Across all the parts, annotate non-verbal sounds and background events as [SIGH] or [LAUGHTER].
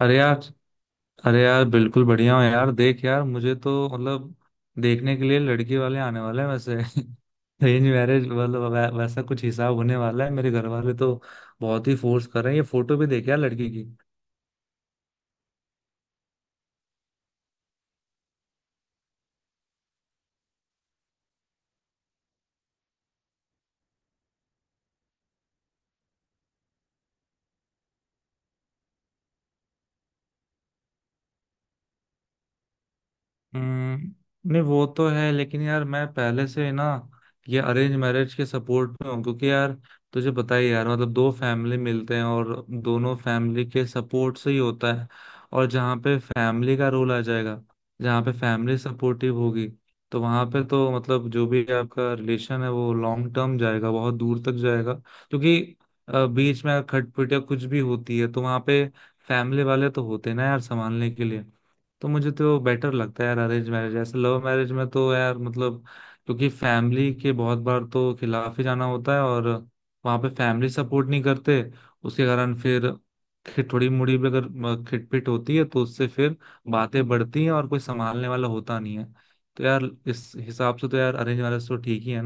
अरे यार, अरे यार बिल्कुल बढ़िया हूँ यार। देख यार, मुझे तो मतलब देखने के लिए लड़की वाले आने वाले हैं वैसे। [LAUGHS] अरेंज मैरिज मतलब वैसा कुछ हिसाब होने वाला है। मेरे घर वाले तो बहुत ही फोर्स कर रहे हैं। ये फोटो भी देख यार, लड़की की। हम्म, नहीं वो तो है, लेकिन यार मैं पहले से ना ये अरेंज मैरिज के सपोर्ट में हूँ। क्योंकि यार तुझे पता ही है यार, मतलब दो फैमिली मिलते हैं और दोनों फैमिली के सपोर्ट से ही होता है। और जहाँ पे फैमिली का रोल आ जाएगा, जहाँ पे फैमिली सपोर्टिव होगी, तो वहां पे तो मतलब जो भी आपका रिलेशन है वो लॉन्ग टर्म जाएगा, बहुत दूर तक जाएगा। क्योंकि बीच में अगर खटपट या कुछ भी होती है तो वहां पे फैमिली वाले तो होते हैं ना यार, संभालने के लिए। तो मुझे तो बेटर लगता है यार अरेंज मैरिज, ऐसे लव मैरिज में तो यार मतलब क्योंकि फैमिली के बहुत बार तो खिलाफ ही जाना होता है और वहां पे फैमिली सपोर्ट नहीं करते। उसके कारण फिर थोड़ी मुड़ी भी अगर खिटपिट होती है तो उससे फिर बातें बढ़ती हैं और कोई संभालने वाला होता नहीं है। तो यार इस हिसाब से तो यार अरेंज मैरिज तो ठीक ही है।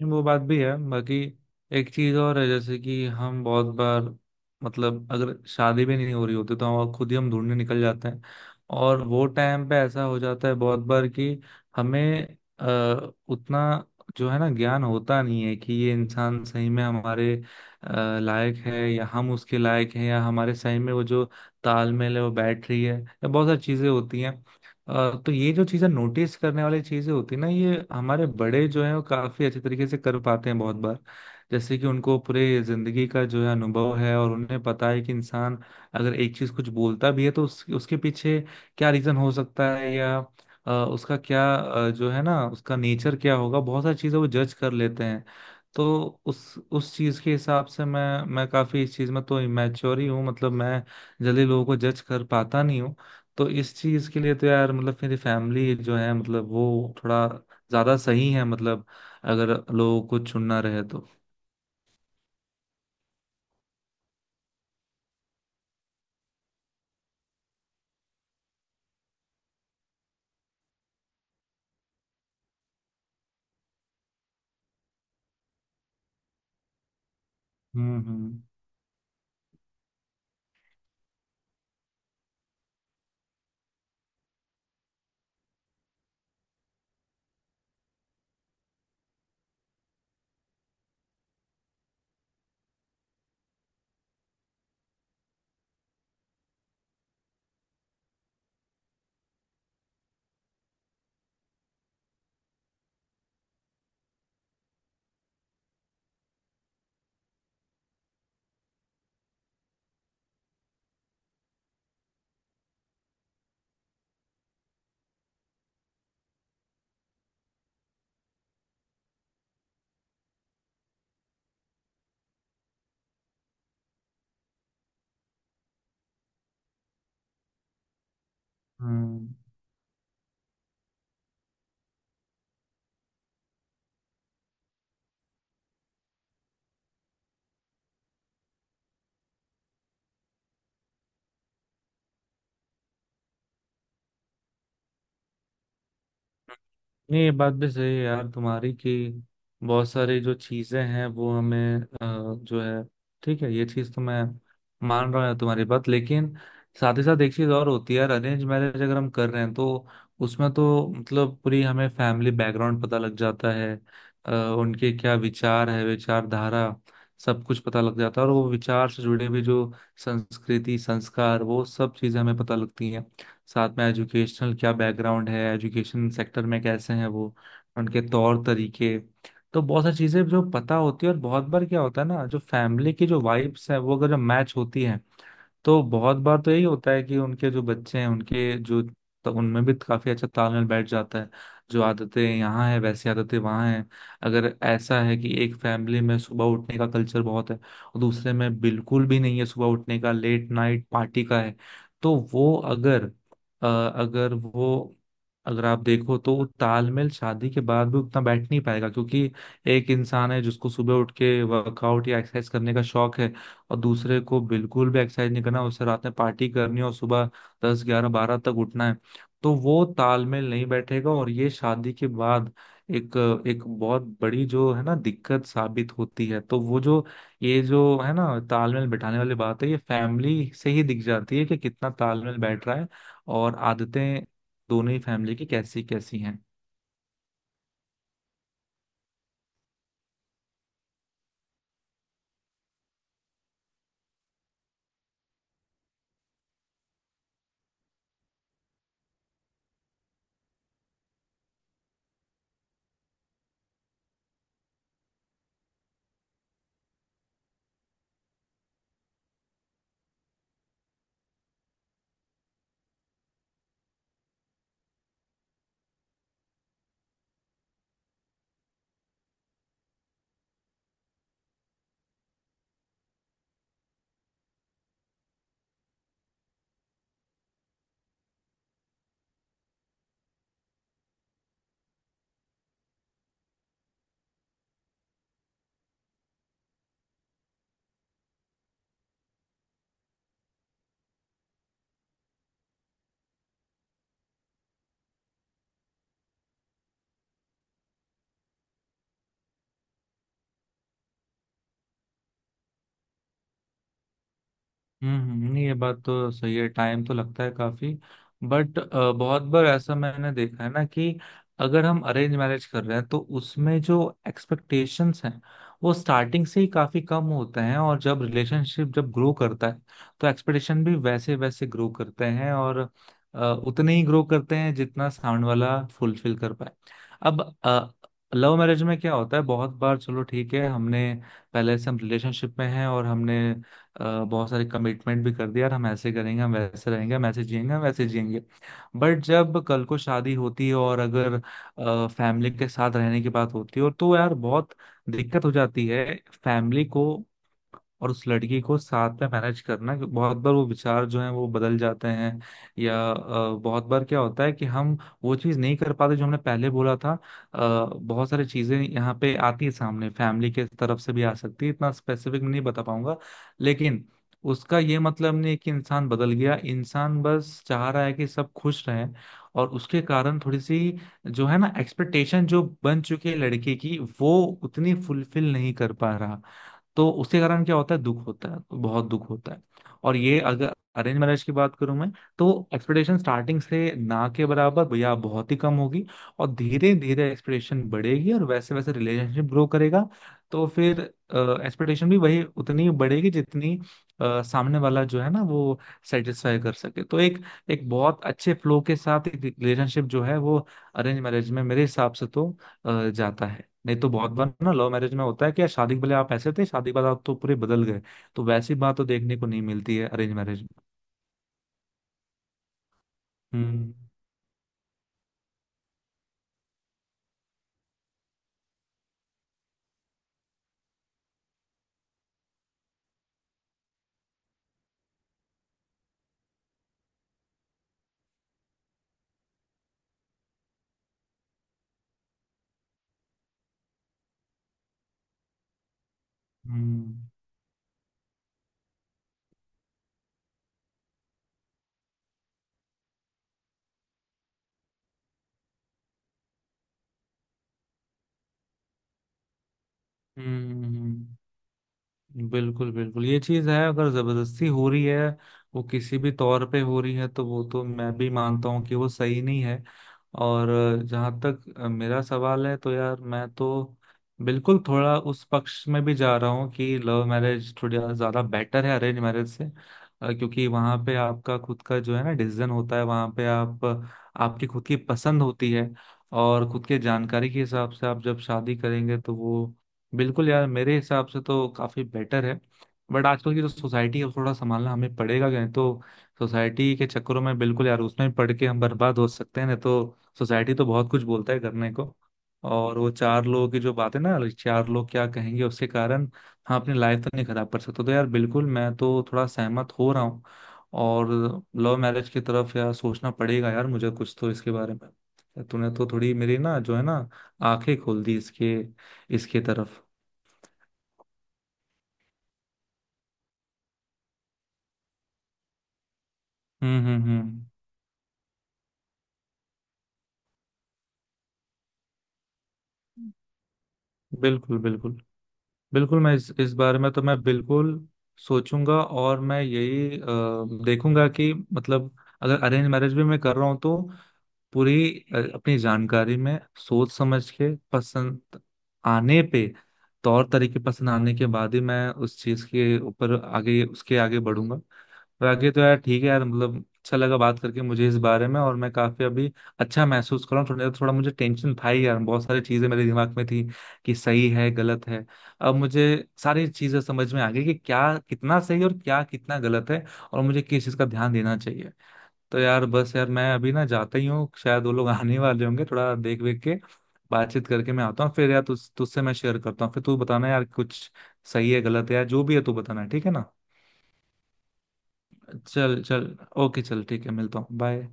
नहीं, वो बात भी है। बाकी एक चीज और है, जैसे कि हम बहुत बार मतलब अगर शादी भी नहीं हो रही होती तो हम खुद ही हम ढूंढने निकल जाते हैं। और वो टाइम पे ऐसा हो जाता है बहुत बार कि हमें उतना जो है ना ज्ञान होता नहीं है कि ये इंसान सही में हमारे लायक है या हम उसके लायक हैं या हमारे सही में वो जो तालमेल है वो बैठ रही है या बहुत सारी चीजें होती हैं। तो ये जो चीजें नोटिस करने वाली चीजें होती है ना, ये हमारे बड़े जो हैं वो काफी अच्छे तरीके से कर पाते हैं बहुत बार। जैसे कि उनको पूरे जिंदगी का जो है अनुभव है और उन्हें पता है कि इंसान अगर एक चीज कुछ बोलता भी है तो उसके पीछे क्या रीजन हो सकता है, या उसका क्या जो है ना उसका नेचर क्या होगा, बहुत सारी चीजें वो जज कर लेते हैं। तो उस चीज के हिसाब से मैं काफी इस चीज में तो इमेच्योर ही हूँ, मतलब मैं जल्दी लोगों को जज कर पाता नहीं हूँ। तो इस चीज के लिए तो यार मतलब मेरी फैमिली जो है, मतलब वो थोड़ा ज्यादा सही है मतलब, अगर लोगों को चुनना रहे तो। हम्म, हम्म, हम्म। नहीं, ये बात भी सही है यार तुम्हारी कि बहुत सारी जो चीजें हैं वो हमें जो है, ठीक है, ये चीज तो मैं मान रहा हूँ यार तुम्हारी बात। लेकिन साथ ही साथ एक चीज और होती है यार, अरेंज मैरिज अगर हम कर रहे हैं तो उसमें तो मतलब पूरी हमें फैमिली बैकग्राउंड पता लग जाता है। अ, उनके क्या विचार है, विचारधारा, सब कुछ पता लग जाता है। और वो विचार से जुड़े भी जो संस्कृति संस्कार, वो सब चीजें हमें पता लगती हैं। साथ में एजुकेशनल क्या बैकग्राउंड है, एजुकेशन सेक्टर में कैसे हैं वो, उनके तौर तरीके, तो बहुत सारी चीजें जो पता होती है। और बहुत बार क्या होता है ना, जो फैमिली की जो वाइब्स है वो अगर जो मैच होती है, तो बहुत बार तो यही होता है कि उनके जो बच्चे हैं, उनके जो उनमें भी काफी अच्छा तालमेल बैठ जाता है। जो आदतें यहाँ है वैसी आदतें वहाँ हैं। अगर ऐसा है कि एक फैमिली में सुबह उठने का कल्चर बहुत है और दूसरे में बिल्कुल भी नहीं है, सुबह उठने का, लेट नाइट पार्टी का है, तो वो अगर अ, अगर वो अगर आप देखो तो वो तालमेल शादी के बाद भी उतना बैठ नहीं पाएगा। क्योंकि एक इंसान है जिसको सुबह उठ के वर्कआउट या एक्सरसाइज करने का शौक है, और दूसरे को बिल्कुल भी एक्सरसाइज नहीं करना, उसे रात में पार्टी करनी और सुबह 10 11 12 तक उठना है। तो वो तालमेल नहीं बैठेगा, और ये शादी के बाद एक एक बहुत बड़ी जो है ना दिक्कत साबित होती है। तो वो जो, ये जो है ना तालमेल बिठाने वाली बात है, ये फैमिली से ही दिख जाती है कि कितना तालमेल बैठ रहा है और आदतें दोनों ही फैमिली की कैसी कैसी हैं। हम्म, नहीं ये बात तो सही है, टाइम तो लगता है काफी। बट बहुत बार ऐसा मैंने देखा है ना कि अगर हम अरेंज मैरिज कर रहे हैं तो उसमें जो एक्सपेक्टेशंस हैं वो स्टार्टिंग से ही काफी कम होते हैं, और जब रिलेशनशिप जब ग्रो करता है तो एक्सपेक्टेशन भी वैसे वैसे ग्रो करते हैं, और अ, उतने ही ग्रो करते हैं जितना साउंड वाला फुलफिल कर पाए। अब लव मैरिज में क्या होता है, बहुत बार, चलो ठीक है, हमने पहले से हम रिलेशनशिप में हैं और हमने बहुत सारे कमिटमेंट भी कर दिया यार, हम ऐसे करेंगे, हम वैसे रहेंगे, हम ऐसे जिएंगे, हम वैसे जिएंगे। बट जब कल को शादी होती है और अगर फैमिली के साथ रहने की बात होती है और, तो यार बहुत दिक्कत हो जाती है। फैमिली को और उस लड़की को साथ में मैनेज करना कि बहुत बार वो विचार जो है वो बदल जाते हैं। या बहुत बार क्या होता है कि हम वो चीज़ नहीं कर पाते जो हमने पहले बोला था। अ, बहुत सारी चीज़ें यहाँ पे आती है सामने, फैमिली के तरफ से भी आ सकती है, इतना स्पेसिफिक नहीं बता पाऊंगा। लेकिन उसका ये मतलब नहीं कि इंसान बदल गया, इंसान बस चाह रहा है कि सब खुश रहें। और उसके कारण थोड़ी सी जो है ना एक्सपेक्टेशन जो बन चुकी है लड़के की, वो उतनी फुलफिल नहीं कर पा रहा। तो उसके कारण क्या होता है, दुख होता है, तो बहुत दुख होता है। और ये अगर अरेंज मैरिज की बात करूं मैं, तो एक्सपेक्टेशन स्टार्टिंग से ना के बराबर या बहुत ही कम होगी, और धीरे धीरे एक्सपेक्टेशन बढ़ेगी और वैसे वैसे रिलेशनशिप ग्रो करेगा। तो फिर एक्सपेक्टेशन भी वही उतनी ही बढ़ेगी जितनी सामने वाला जो है ना वो सेटिस्फाई कर सके। तो एक एक बहुत अच्छे फ्लो के साथ एक रिलेशनशिप जो है वो अरेंज मैरिज में मेरे हिसाब से तो जाता है। नहीं तो बहुत बार ना लव मैरिज में होता है कि यार शादी के पहले आप ऐसे थे, शादी के बाद आप तो पूरे बदल गए। तो वैसी बात तो देखने को नहीं मिलती है अरेंज मैरिज में। हम्म, हम्म, हम्म, बिल्कुल बिल्कुल, ये चीज है, अगर जबरदस्ती हो रही है वो किसी भी तौर पे हो रही है तो वो तो मैं भी मानता हूँ कि वो सही नहीं है। और जहां तक मेरा सवाल है तो यार मैं तो बिल्कुल थोड़ा उस पक्ष में भी जा रहा हूँ कि लव मैरिज थोड़ी ज्यादा बेटर है अरेंज मैरिज से। क्योंकि वहां पे आपका खुद का जो है ना डिसीजन होता है, वहां पे आप, आपकी खुद की पसंद होती है, और खुद के जानकारी के हिसाब से आप जब शादी करेंगे तो वो बिल्कुल यार मेरे हिसाब से तो काफी बेटर है। बट आजकल की जो सोसाइटी है उसको थोड़ा संभालना हमें पड़ेगा कहीं तो। सोसाइटी के चक्करों में बिल्कुल यार उसमें पड़ के हम बर्बाद हो सकते हैं, नहीं तो सोसाइटी तो बहुत कुछ बोलता है करने को। और वो चार लोगों की जो बात है ना, चार लोग क्या कहेंगे, उसके कारण हम अपनी लाइफ तो नहीं खराब कर सकते। तो यार बिल्कुल मैं तो थोड़ा सहमत हो रहा हूँ, और लव मैरिज की तरफ यार सोचना पड़ेगा यार मुझे कुछ तो। इसके बारे में तूने तो थोड़ी मेरी ना जो है ना आंखें खोल दी, इसके इसके तरफ। हम्म, हम्म, हम्म, बिल्कुल बिल्कुल। बिल्कुल मैं इस बारे में तो मैं बिल्कुल सोचूंगा, और मैं यही देखूंगा कि मतलब अगर अरेंज मैरिज भी मैं कर रहा हूँ तो पूरी अपनी जानकारी में सोच समझ के, पसंद आने पे, तौर तरीके पसंद आने के बाद ही मैं उस चीज के ऊपर आगे, उसके आगे बढ़ूंगा। बाकी तो यार ठीक है यार, मतलब अच्छा लगा बात करके मुझे इस बारे में, और मैं काफी अभी अच्छा महसूस कर रहा हूँ। थोड़ा थोड़ा मुझे टेंशन था ही यार, बहुत सारी चीजें मेरे दिमाग में थी कि सही है गलत है। अब मुझे सारी चीजें समझ में आ गई कि क्या कितना सही और क्या कितना गलत है, और मुझे किस चीज का ध्यान देना चाहिए। तो यार बस यार मैं अभी ना जाता ही हूँ, शायद वो लोग आने वाले होंगे, थोड़ा देख वेख के बातचीत करके मैं आता हूँ। फिर यार तुझसे मैं शेयर करता हूँ, फिर तू बताना यार कुछ सही है गलत है यार जो भी है तू बताना, ठीक है ना। चल चल, ओके चल, ठीक है, मिलता हूँ, बाय।